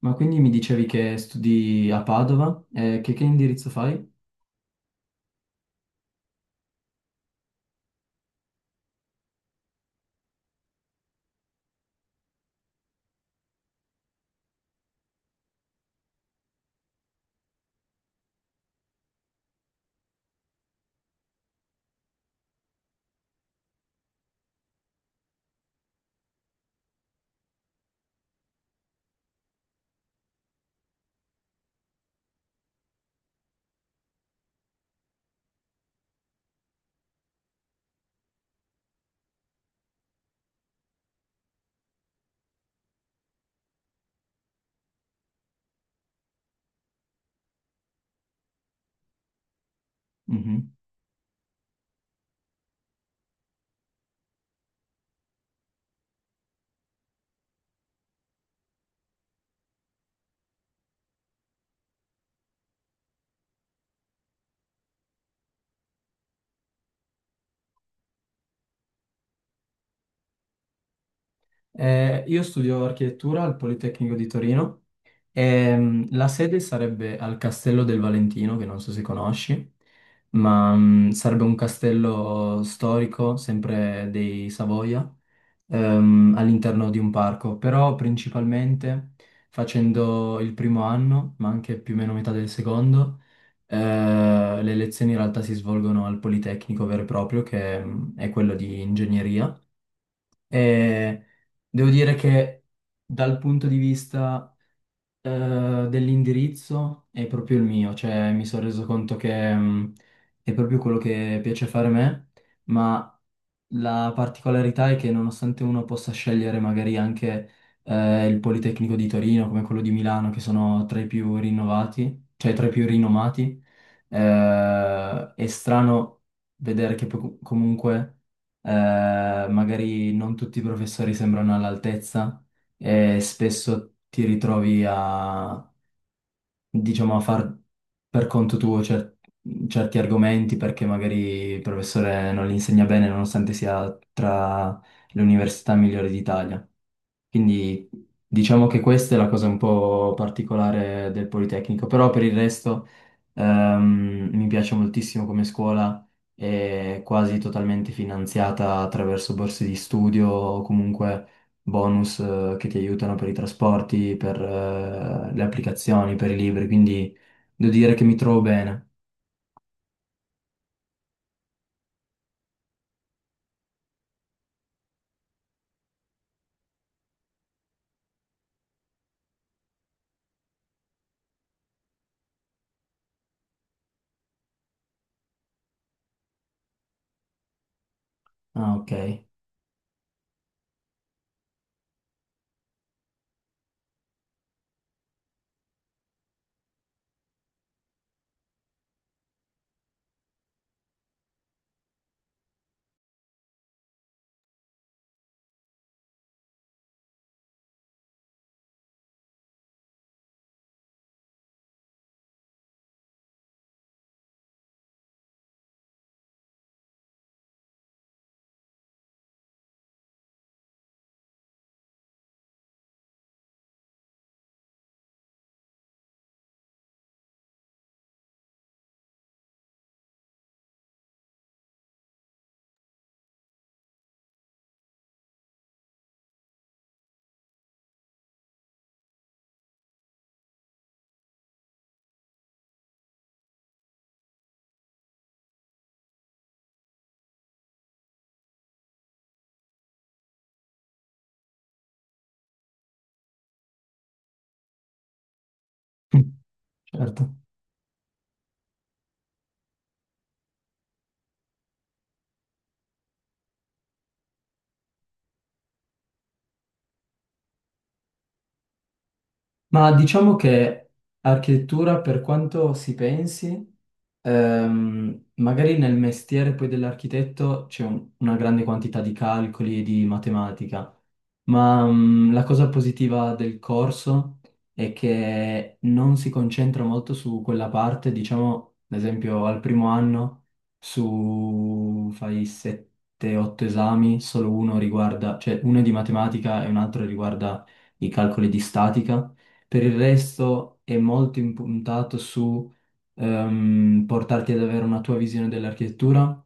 Ma quindi mi dicevi che studi a Padova? Che indirizzo fai? Mhm. Io studio architettura al Politecnico di Torino e la sede sarebbe al Castello del Valentino, che non so se conosci, ma sarebbe un castello storico, sempre dei Savoia, all'interno di un parco, però principalmente facendo il primo anno, ma anche più o meno metà del secondo. Le lezioni in realtà si svolgono al Politecnico vero e proprio, che è quello di ingegneria. E devo dire che dal punto di vista dell'indirizzo è proprio il mio, cioè mi sono reso conto che è proprio quello che piace fare a me, ma la particolarità è che nonostante uno possa scegliere magari anche il Politecnico di Torino come quello di Milano, che sono tra i più rinnovati, cioè tra i più rinomati. È strano vedere che comunque magari non tutti i professori sembrano all'altezza e spesso ti ritrovi, diciamo, a far per conto tuo certi argomenti perché magari il professore non li insegna bene nonostante sia tra le università migliori d'Italia. Quindi diciamo che questa è la cosa un po' particolare del Politecnico, però per il resto mi piace moltissimo come scuola. È quasi totalmente finanziata attraverso borse di studio o comunque bonus che ti aiutano per i trasporti, per le applicazioni, per i libri, quindi devo dire che mi trovo bene. Ah, ok. Certo. Ma diciamo che architettura, per quanto si pensi, magari nel mestiere poi dell'architetto c'è una grande quantità di calcoli e di matematica. Ma la cosa positiva del corso è che non si concentra molto su quella parte, diciamo, ad esempio al primo anno su fai 7-8 esami, solo uno riguarda, cioè uno è di matematica e un altro riguarda i calcoli di statica. Per il resto è molto impuntato su portarti ad avere una tua visione dell'architettura,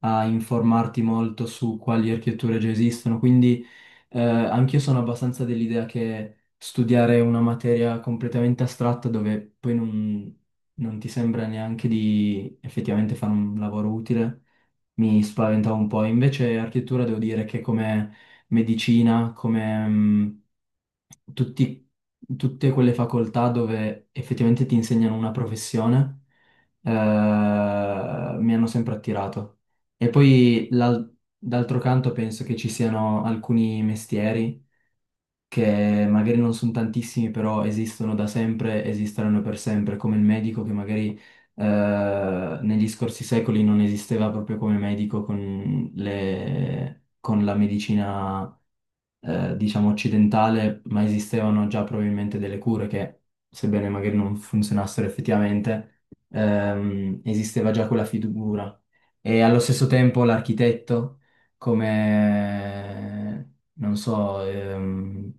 a informarti molto su quali architetture già esistono. Quindi anch'io sono abbastanza dell'idea che studiare una materia completamente astratta dove poi non ti sembra neanche di effettivamente fare un lavoro utile mi spaventava un po'. Invece architettura devo dire che come medicina, come tutti- tutte quelle facoltà dove effettivamente ti insegnano una professione mi hanno sempre attirato. E poi d'altro canto penso che ci siano alcuni mestieri che magari non sono tantissimi, però esistono da sempre, esisteranno per sempre, come il medico che magari negli scorsi secoli non esisteva proprio come medico con con la medicina, diciamo, occidentale, ma esistevano già probabilmente delle cure che, sebbene magari non funzionassero effettivamente, esisteva già quella figura. E allo stesso tempo l'architetto, come, non so, ehm,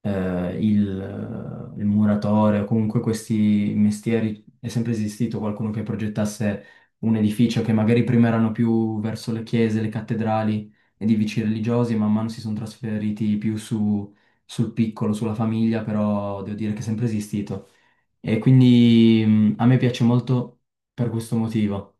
eh, il muratore o comunque questi mestieri, è sempre esistito qualcuno che progettasse un edificio che magari prima erano più verso le chiese, le cattedrali, edifici religiosi, man mano si sono trasferiti più su, sul piccolo, sulla famiglia, però devo dire che è sempre esistito. E quindi a me piace molto per questo motivo.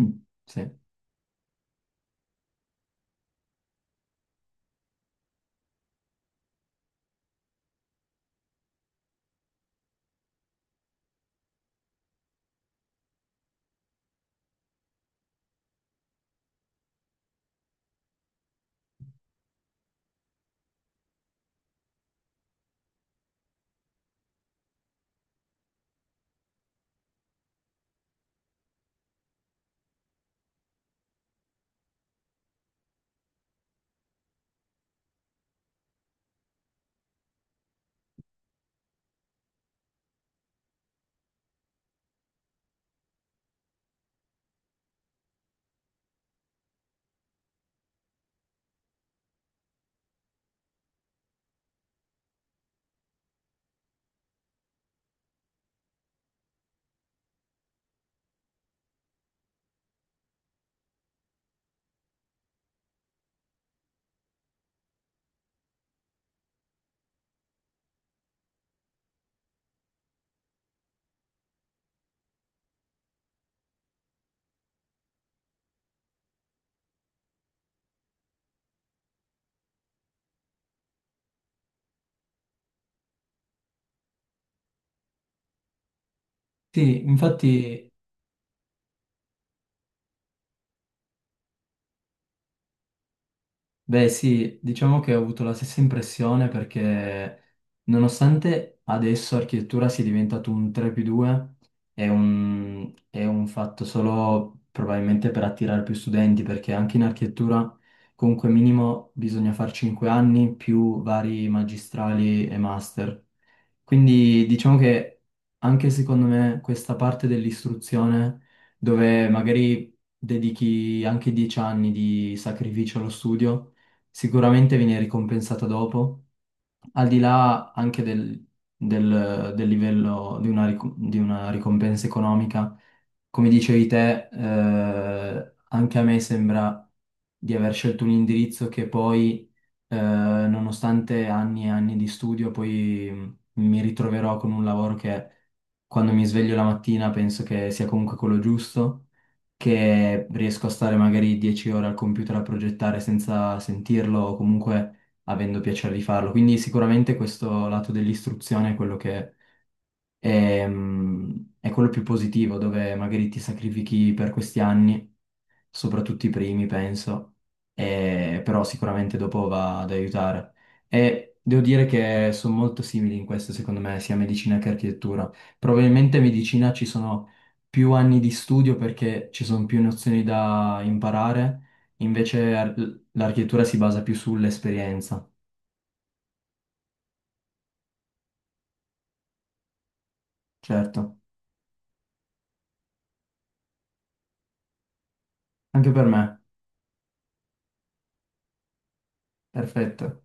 Mm. Sì. Sì, infatti. Beh sì, diciamo che ho avuto la stessa impressione perché nonostante adesso architettura sia diventato un 3 più 2, è un fatto solo probabilmente per attirare più studenti, perché anche in architettura comunque minimo bisogna fare 5 anni più vari magistrali e master. Quindi diciamo che anche secondo me questa parte dell'istruzione, dove magari dedichi anche 10 anni di sacrificio allo studio, sicuramente viene ricompensata dopo, al di là anche del livello di una ricompensa economica. Come dicevi te, anche a me sembra di aver scelto un indirizzo che poi, nonostante anni e anni di studio, poi mi ritroverò con un lavoro che quando mi sveglio la mattina penso che sia comunque quello giusto, che riesco a stare magari 10 ore al computer a progettare senza sentirlo o comunque avendo piacere di farlo. Quindi sicuramente questo lato dell'istruzione è quello che è quello più positivo, dove magari ti sacrifichi per questi anni, soprattutto i primi, penso, però sicuramente dopo va ad aiutare. E devo dire che sono molto simili in questo, secondo me, sia medicina che architettura. Probabilmente in medicina ci sono più anni di studio perché ci sono più nozioni da imparare, invece l'architettura si basa più sull'esperienza, certo. Anche per me, perfetto.